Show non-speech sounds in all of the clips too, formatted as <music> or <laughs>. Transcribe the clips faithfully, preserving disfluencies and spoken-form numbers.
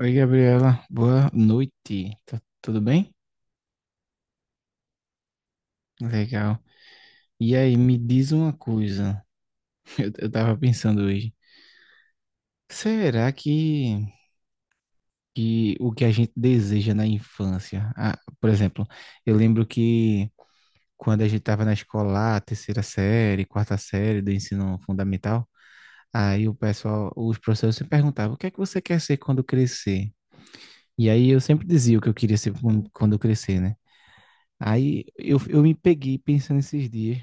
Oi, Gabriela. Boa noite. Tá tudo bem? Legal. E aí, me diz uma coisa. <laughs> Eu, eu tava pensando hoje. Será que, que o que a gente deseja na infância? Ah, por exemplo, eu lembro que quando a gente tava na escola, lá, terceira série, quarta série do ensino fundamental, aí o pessoal, os professores se perguntavam: o que é que você quer ser quando crescer? E aí eu sempre dizia o que eu queria ser quando quando eu crescer, né? Aí eu, eu me peguei pensando esses dias,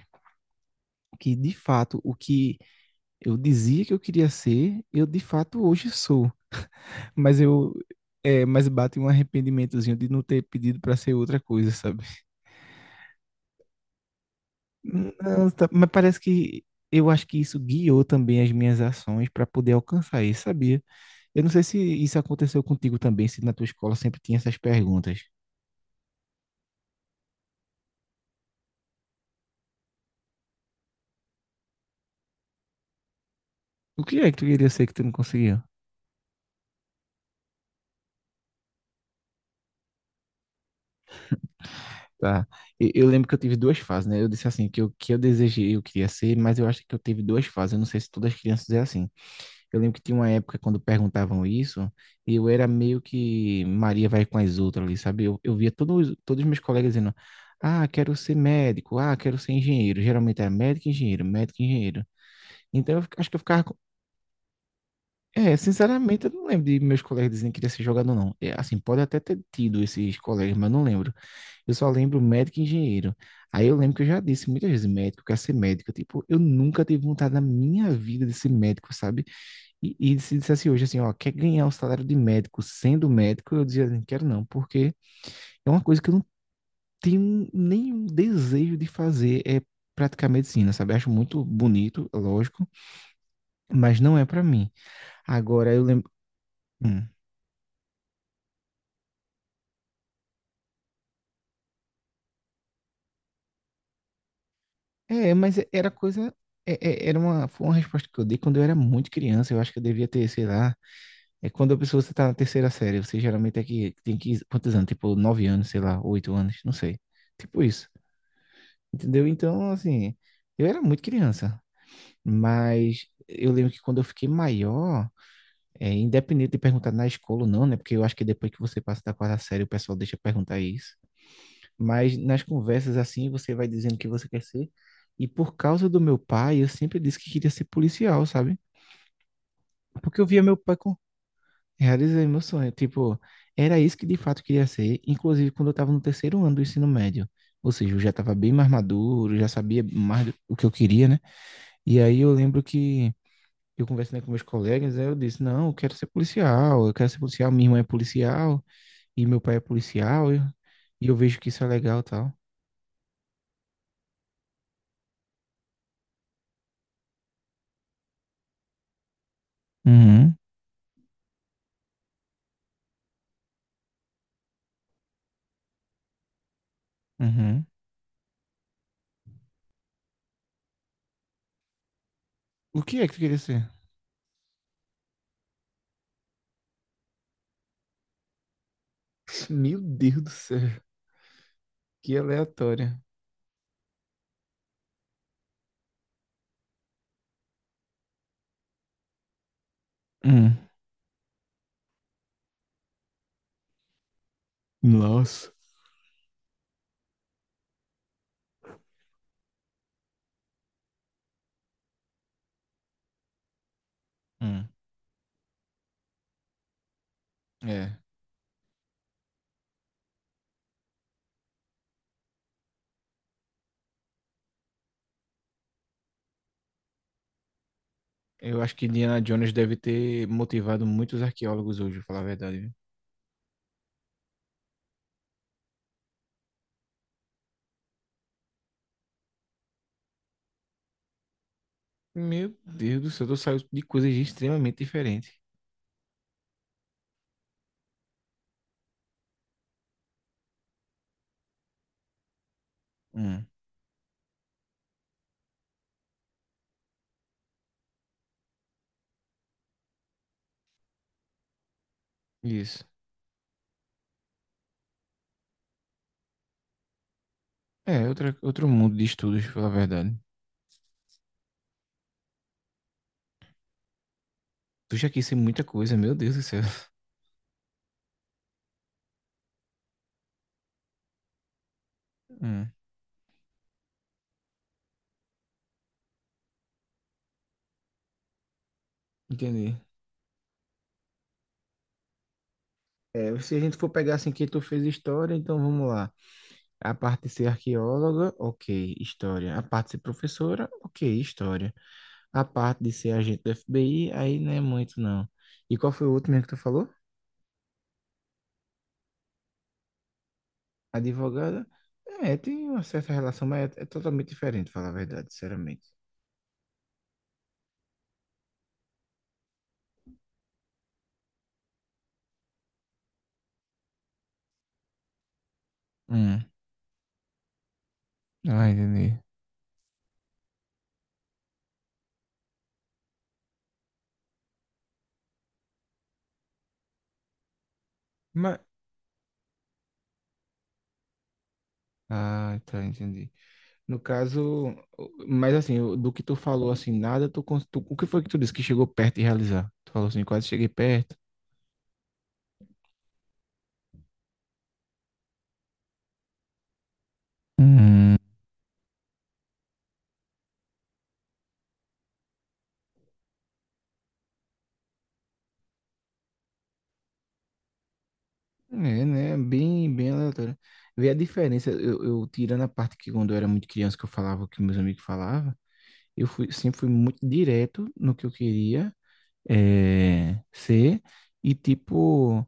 que de fato o que eu dizia que eu queria ser, eu de fato hoje sou. Mas eu é, mas bate um arrependimentozinho de não ter pedido para ser outra coisa, sabe? Não, tá- mas parece que eu acho que isso guiou também as minhas ações para poder alcançar isso, sabia? Eu não sei se isso aconteceu contigo também, se na tua escola sempre tinha essas perguntas. O que é que tu queria ser que tu não conseguiu? Tá. E- Eu lembro que eu tive duas fases, né? Eu disse assim, que o que eu desejei eu queria ser, mas eu acho que eu tive duas fases. Eu não sei se todas as crianças é assim. Eu lembro que tinha uma época quando perguntavam isso, e eu era meio que Maria vai com as outras ali, sabe? Eu, eu via todos, todos os meus colegas dizendo, ah, quero ser médico, ah, quero ser engenheiro. Geralmente era médico, e engenheiro, médico, e engenheiro. Então eu fica- acho que eu ficava com- É, sinceramente, eu não lembro de meus colegas dizendo que queria ser jogador, não. É, assim, pode até ter tido esses colegas, mas não lembro. Eu só lembro médico e engenheiro. Aí eu lembro que eu já disse muitas vezes médico, eu quero ser médico. Tipo, eu nunca tive vontade na minha vida de ser médico, sabe? E, e se dissesse hoje assim, ó, quer ganhar o salário de médico sendo médico, eu dizia, não quero não, porque é uma coisa que eu não tenho nenhum desejo de fazer, é praticar medicina, sabe? Acho muito bonito, lógico, mas não é pra mim. Agora eu lembro. Hum. É, mas era coisa. é- é- era uma, foi uma resposta que eu dei quando eu era muito criança. Eu acho que eu devia ter, sei lá. É quando a pessoa você tá na terceira série, você geralmente é que tem que. Quantos anos? Tipo, nove anos, sei lá, oito anos, não sei. Tipo isso. Entendeu? Então, assim, eu era muito criança, mas eu lembro que quando eu fiquei maior, é, independente de perguntar na escola ou não, né? Porque eu acho que depois que você passa da quarta série, o pessoal deixa perguntar isso. Mas nas conversas assim, você vai dizendo o que você quer ser. E por causa do meu pai, eu sempre disse que queria ser policial, sabe? Porque eu via meu pai com... realizei meu sonho. Tipo, era isso que de fato queria ser. Inclusive, quando eu estava no terceiro ano do ensino médio. Ou seja, eu já estava bem mais maduro, já sabia mais do- o que eu queria, né? E aí eu lembro que eu conversando com meus colegas, aí eu disse, não, eu quero ser policial, eu quero ser policial, minha irmã é policial e meu pai é policial, e e eu vejo que isso é legal e tal. Uhum, uhum. O que é que tu queria ser? Meu Deus do céu, que aleatória. Hum. Nossa. Hum. É, eu acho que Indiana Jones deve ter motivado muitos arqueólogos hoje, pra falar a verdade, viu? Meu Deus do céu, eu saio de coisas extremamente diferentes. Hum, isso. É, outra, outro mundo de estudos, pela verdade. Tu já quis ser muita coisa, meu Deus do céu. Hum, entendi. É, se a gente for pegar assim que tu fez história, então vamos lá. A parte de ser arqueóloga, ok, história. A parte de ser professora, ok, história. A parte de ser agente do F B I, aí não é muito não. E qual foi o outro mesmo que tu falou? Advogada? É, tem uma certa relação, mas é, é totalmente diferente, falar a verdade, sinceramente. Hum, ah, entendi. Mas, ah, tá, entendi. No caso, mas assim, o- do que tu falou, assim, nada, tu, cons- tu, o que foi que tu disse que chegou perto de realizar? Tu falou assim, quase cheguei perto. Hum. É, né? Bem, bem aleatório. Vê a diferença, eu, eu tirando a parte que quando eu era muito criança que eu falava o que meus amigos falavam, eu fui, sempre fui muito direto no que eu queria é, ser e tipo,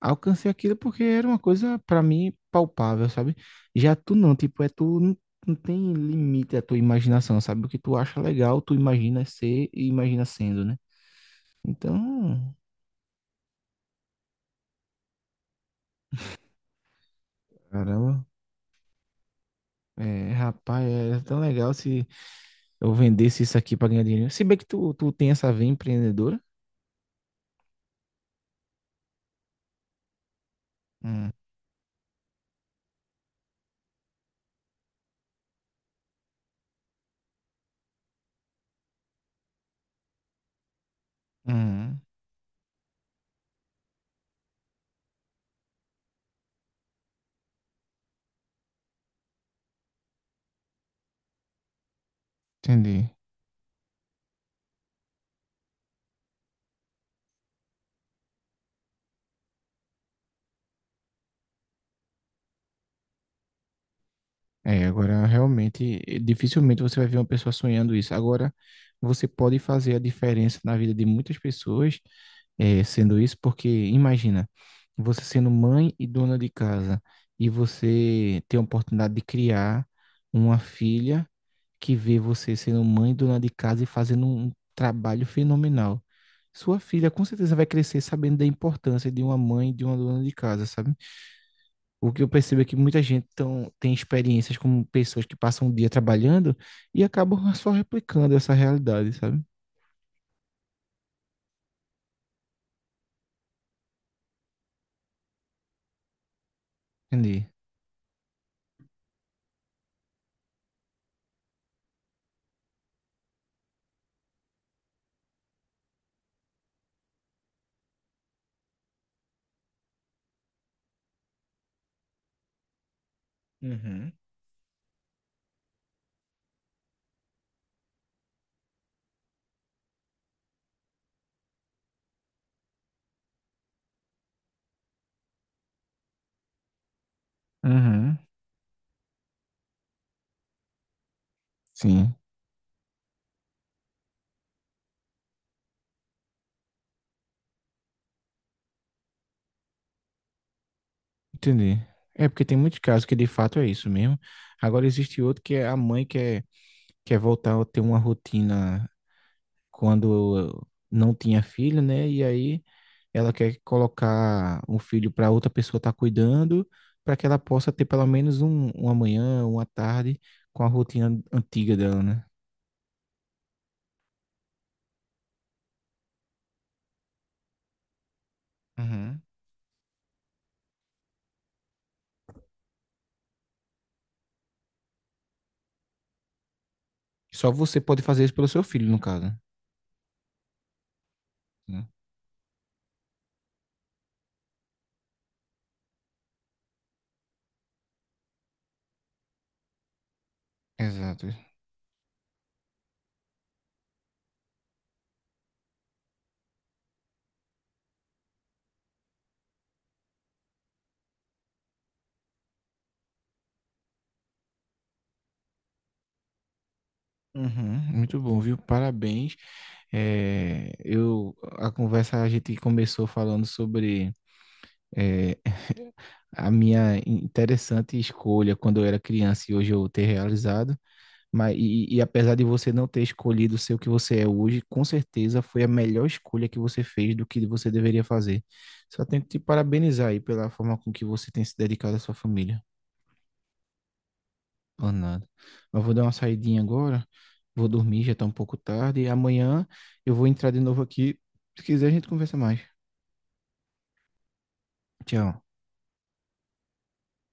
alcancei aquilo porque era uma coisa pra mim palpável, sabe? Já tu não, tipo, é tu não, não tem limite à tua imaginação, sabe? O que tu acha legal, tu imagina ser e imagina sendo, né? Então, caramba. É, rapaz, era tão legal se eu vendesse isso aqui pra ganhar dinheiro. Se bem que tu, tu tem essa veia empreendedora. Hum, hum, entendi. É, agora realmente eh, dificilmente você vai ver uma pessoa sonhando isso. Agora você pode fazer a diferença na vida de muitas pessoas eh, sendo isso, porque imagina você sendo mãe e dona de casa e você ter a oportunidade de criar uma filha que vê você sendo mãe e dona de casa e fazendo um trabalho fenomenal. Sua filha com certeza vai crescer sabendo da importância de uma mãe e de uma dona de casa, sabe? O que eu percebo é que muita gente tão, tem experiências como pessoas que passam um dia trabalhando e acabam só replicando essa realidade, sabe? Entendi. Uhum. Uhum, sim, entendi. É porque tem muitos casos que de fato é isso mesmo. Agora existe outro que é a mãe quer, quer voltar a ter uma rotina quando eu não tinha filho, né? E aí ela quer colocar um filho para outra pessoa estar cuidando, para que ela possa ter pelo menos um, uma manhã, uma tarde com a rotina antiga dela, né? Uhum. Só você pode fazer isso pelo seu filho, no caso, né? Exato. Uhum, muito bom, viu? Parabéns. É, eu, a conversa a gente começou falando sobre é, a minha interessante escolha quando eu era criança e hoje eu ter realizado. Mas, e, e apesar de você não ter escolhido ser o que você é hoje, com certeza foi a melhor escolha que você fez do que você deveria fazer. Só tenho que te parabenizar aí pela forma com que você tem se dedicado à sua família. Por nada. Mas vou dar uma saidinha agora, vou dormir, já tá um pouco tarde. E amanhã eu vou entrar de novo aqui. Se quiser, a gente conversa mais. Tchau.